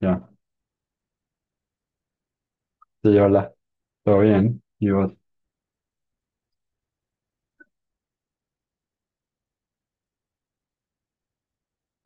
Ya, sí, hola, todo bien. Y vos,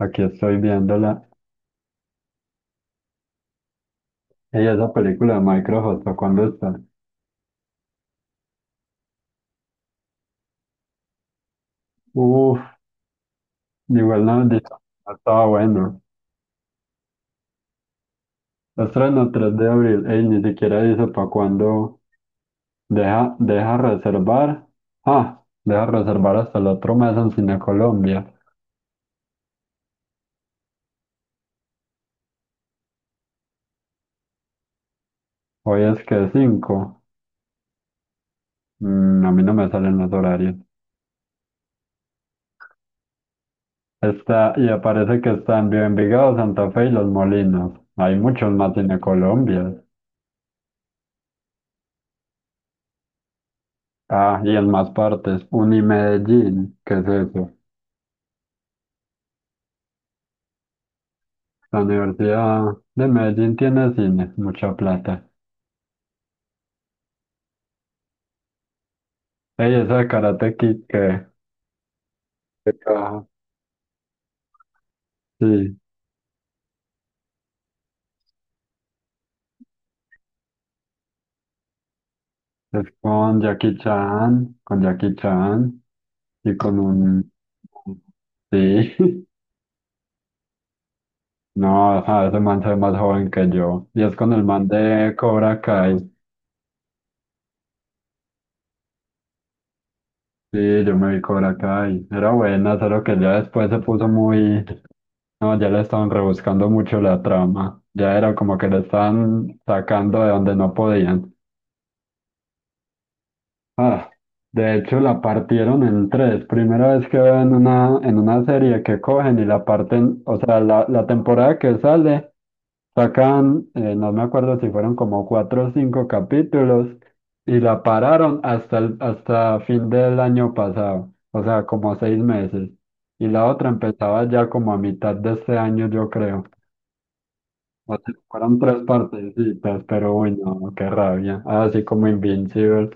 aquí estoy viéndola. Ella, esa película de Microsoft Hustle, ¿cuándo está? Uf, igual no, dice, no estaba bueno. Estreno 3 de abril, ey, ni siquiera dice para cuándo. Deja reservar. Ah, deja reservar hasta el otro mes en Cine Colombia. Hoy es que cinco. A mí no me salen los horarios. Está, y aparece que está en Envigado, Santa Fe y Los Molinos. Hay muchos más Cine Colombia. Ah, y en más partes, Unimedellín, ¿qué es eso? La Universidad de Medellín tiene cine, mucha plata. Ey, esa de Karate Kid, ¿qué? ¿Qué caja? Sí, es con Jackie Chan y con un... Sí, no, ajá, ese man se ve más joven que yo. Y es con el man de Cobra Kai. Sí, yo me vi Cobra Kai. Era buena, solo que ya después se puso muy... No, ya le estaban rebuscando mucho la trama. Ya era como que la estaban sacando de donde no podían. Ah, de hecho la partieron en tres. Primera vez que veo en una serie que cogen y la parten, o sea, la temporada que sale, sacan, no me acuerdo si fueron como 4 o 5 capítulos, y la pararon hasta el, hasta fin del año pasado, o sea, como 6 meses. Y la otra empezaba ya como a mitad de este año, yo creo. O sea, fueron tres partecitas, pero uy, no, qué rabia. Así como Invincible.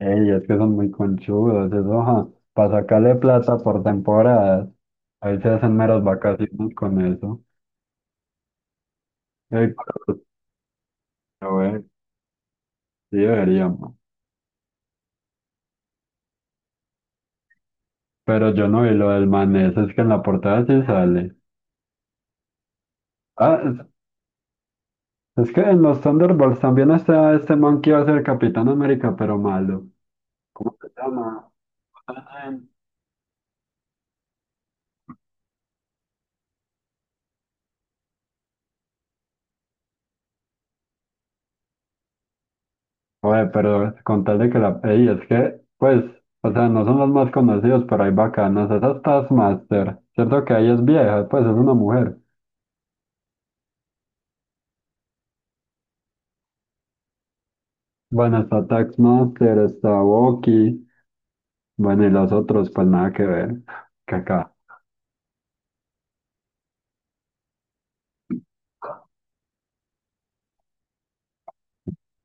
Ey, es que son muy conchudos, eso, ajá. Para sacarle plata por temporadas. Ahí se hacen meras vacaciones con eso. Ey, pero, eh, sí deberíamos. Pero yo no vi lo del manés, es que en la portada sí sale. Ah, es que en los Thunderbolts también está este man que iba a ser Capitán América, pero malo. Se llama. Oye, pero con tal de que la... Ey, es que, pues, o sea, no son los más conocidos, pero hay bacanas. Esa es Taskmaster, ¿cierto que ahí es vieja? Pues es una mujer. Bueno, está Taskmaster, está Boki, bueno, y los otros, pues nada que ver, que acá.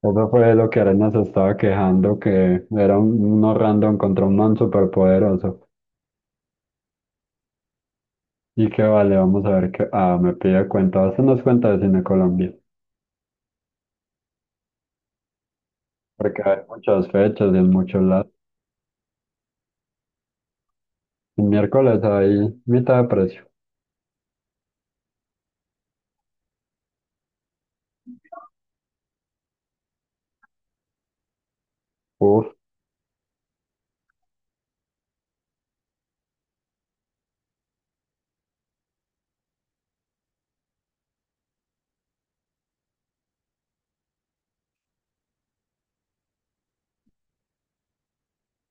Eso fue lo que Arena se estaba quejando, que era un, uno random contra un man superpoderoso. Y que vale, vamos a ver qué... Ah, me pide cuenta, hacernos cuenta de Cine Colombia, porque hay muchas fechas y en muchos lados. El miércoles hay mitad de precio. Uf.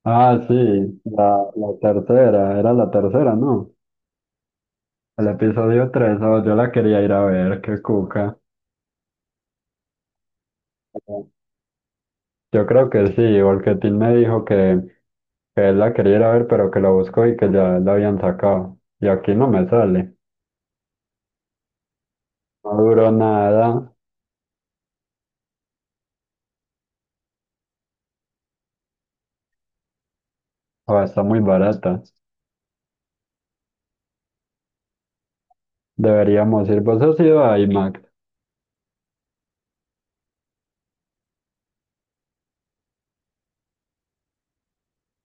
Ah, sí, la tercera, era la tercera, ¿no? El episodio 3, oh, yo la quería ir a ver, qué cuca. Yo creo que sí, porque Tim me dijo que él la quería ir a ver, pero que la buscó y que ya la habían sacado. Y aquí no me sale. No duró nada, o está muy barata. Deberíamos ir, vos has ido a IMAX,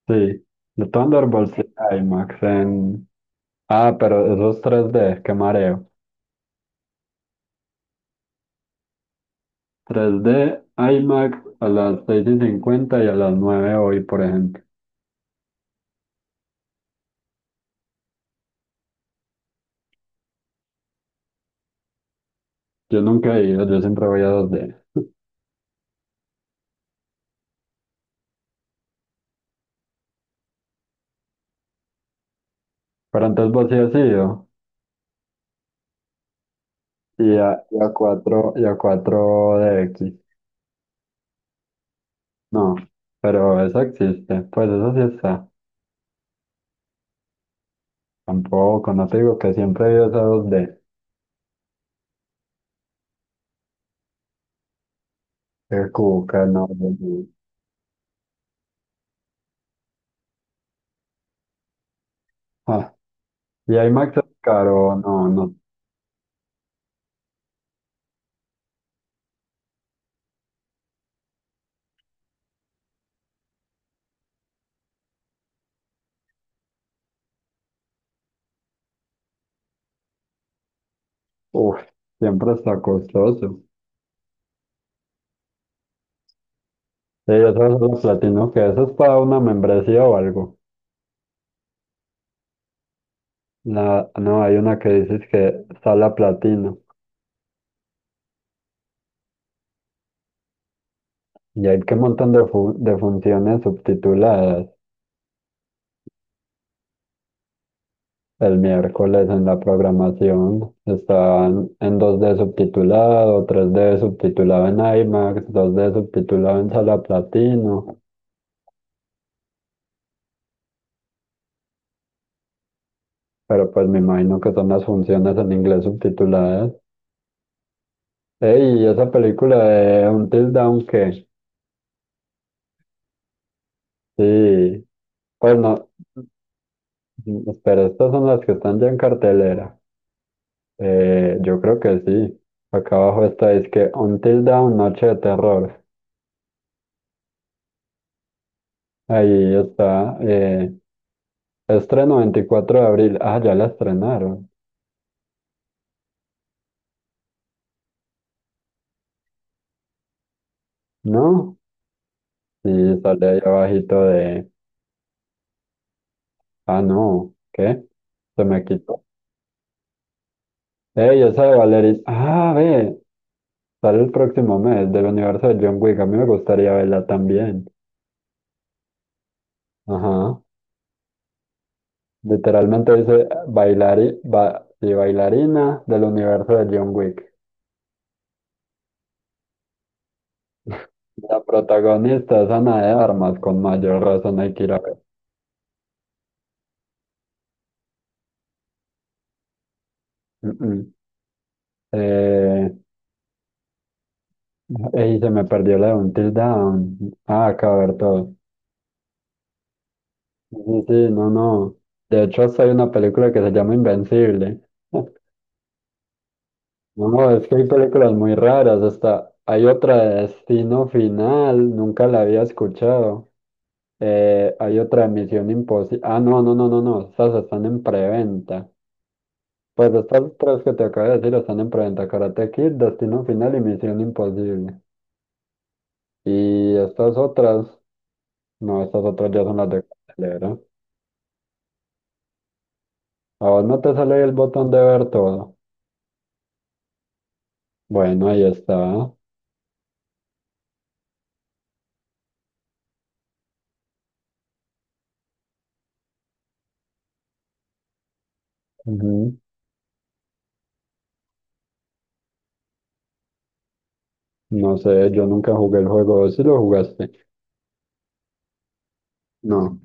sí. De Thunderbolts sí, a IMAX en... Ah, pero esos 3D, qué mareo. 3D, IMAX a las 6:50 y a las 9 hoy, por ejemplo. Yo nunca he ido, yo siempre voy a 2D. Pero antes vos sí has ido. Y a 4, y a 4DX. No, pero eso existe. Pues eso sí está. Tampoco, no te digo que siempre he ido a esa 2D. Qué cuca, no. Dios mío. Ah, y IMAX es caro, no, no. Uf, siempre está costoso. Sí, eso es lo platino, que eso es para una membresía o algo. La no, hay una que dices que sala platino. Y hay que un montón de, fu- de funciones subtituladas. El miércoles en la programación están en 2D subtitulado, 3D subtitulado en IMAX, 2D subtitulado en sala platino. Pero pues me imagino que son las funciones en inglés subtituladas. Ey, esa película de Until Dawn que sí. Pues no, espera, estas son las que están ya en cartelera. Yo creo que sí. Acá abajo está, es que Until Dawn, Noche de Terror. Ahí está. Estreno 24 de abril. Ah, ya la estrenaron. ¿No? Y sale ahí abajito de... Ah, no. ¿Qué? Se me quitó. Ey, esa de Valerie. Ah, ve. Sale el próximo mes del universo de John Wick. A mí me gustaría verla también. Ajá. Literalmente dice bailari... ba- sí, bailarina del universo de John Wick. La protagonista es Ana de Armas, con mayor razón hay que ir a ver. Mm, mm. Eh, Ey, se me perdió la de Until Dawn. Ah, acá ver todo. Sí, sí, no, no. De hecho, hasta hay una película que se llama Invencible. No, es que hay películas muy raras. Hasta hay otra de Destino Final, nunca la había escuchado. Hay otra de Misión Imposible. Ah, no, no, no, no, no. Estas están en preventa. Pues estas tres que te acabo de decir están en preventa: Karate Kid, Destino Final y Misión Imposible. Y estas otras, no, estas otras ya son las de cartelera. A vos no te sale el botón de ver todo. Bueno, ahí está. Ujú. No sé, yo nunca jugué el juego. ¿Vos sí lo jugaste? No.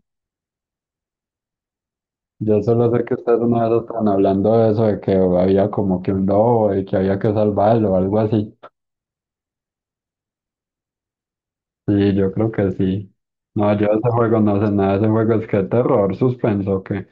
Yo solo sé que ustedes una vez estaban hablando de eso, de que había como que un lobo y que había que salvarlo o algo así. Sí, yo creo que sí. No, yo de ese juego no sé nada. Ese juego es que terror, suspenso, ¿o qué?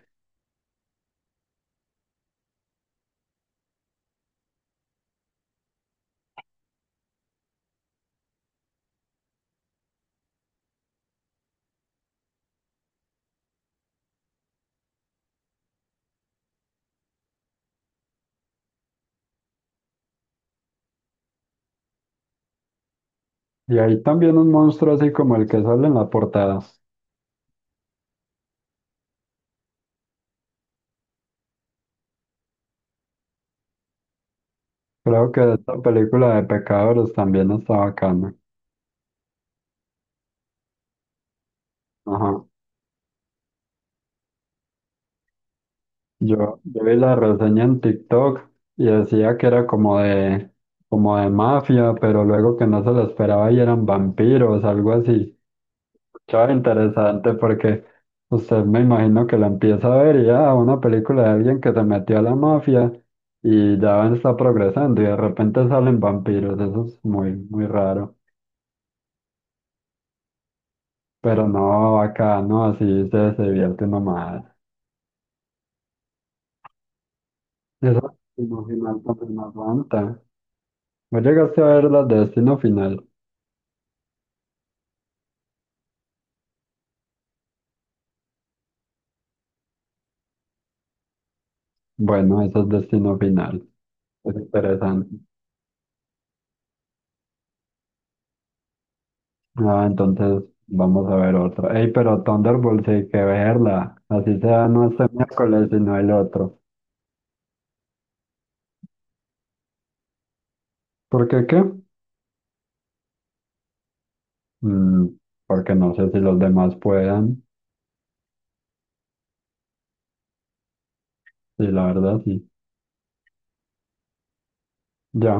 Y hay también un monstruo así como el que sale en la portada. Creo que esta película de Pecadores también está bacana. Ajá. Yo vi la reseña en TikTok y decía que era como de mafia, pero luego que no se lo esperaba y eran vampiros, algo así. Estaba interesante porque usted me imagino que la empieza a ver y ya una película de alguien que se metió a la mafia y ya está progresando y de repente salen vampiros. Eso es muy, muy raro. Pero no, acá no, así se divierte nomás. Eso Destino Final también me aguanta. ¿Vos llegaste a ver las de Destino Final? Bueno, eso es Destino Final. Es interesante. Ah, entonces vamos a ver otra. Ey, pero Thunderbolt sí hay que verla. Así sea, no este miércoles, sino el otro. ¿Por qué qué? Mm, porque no sé si los demás puedan. Sí, la verdad sí. Ya.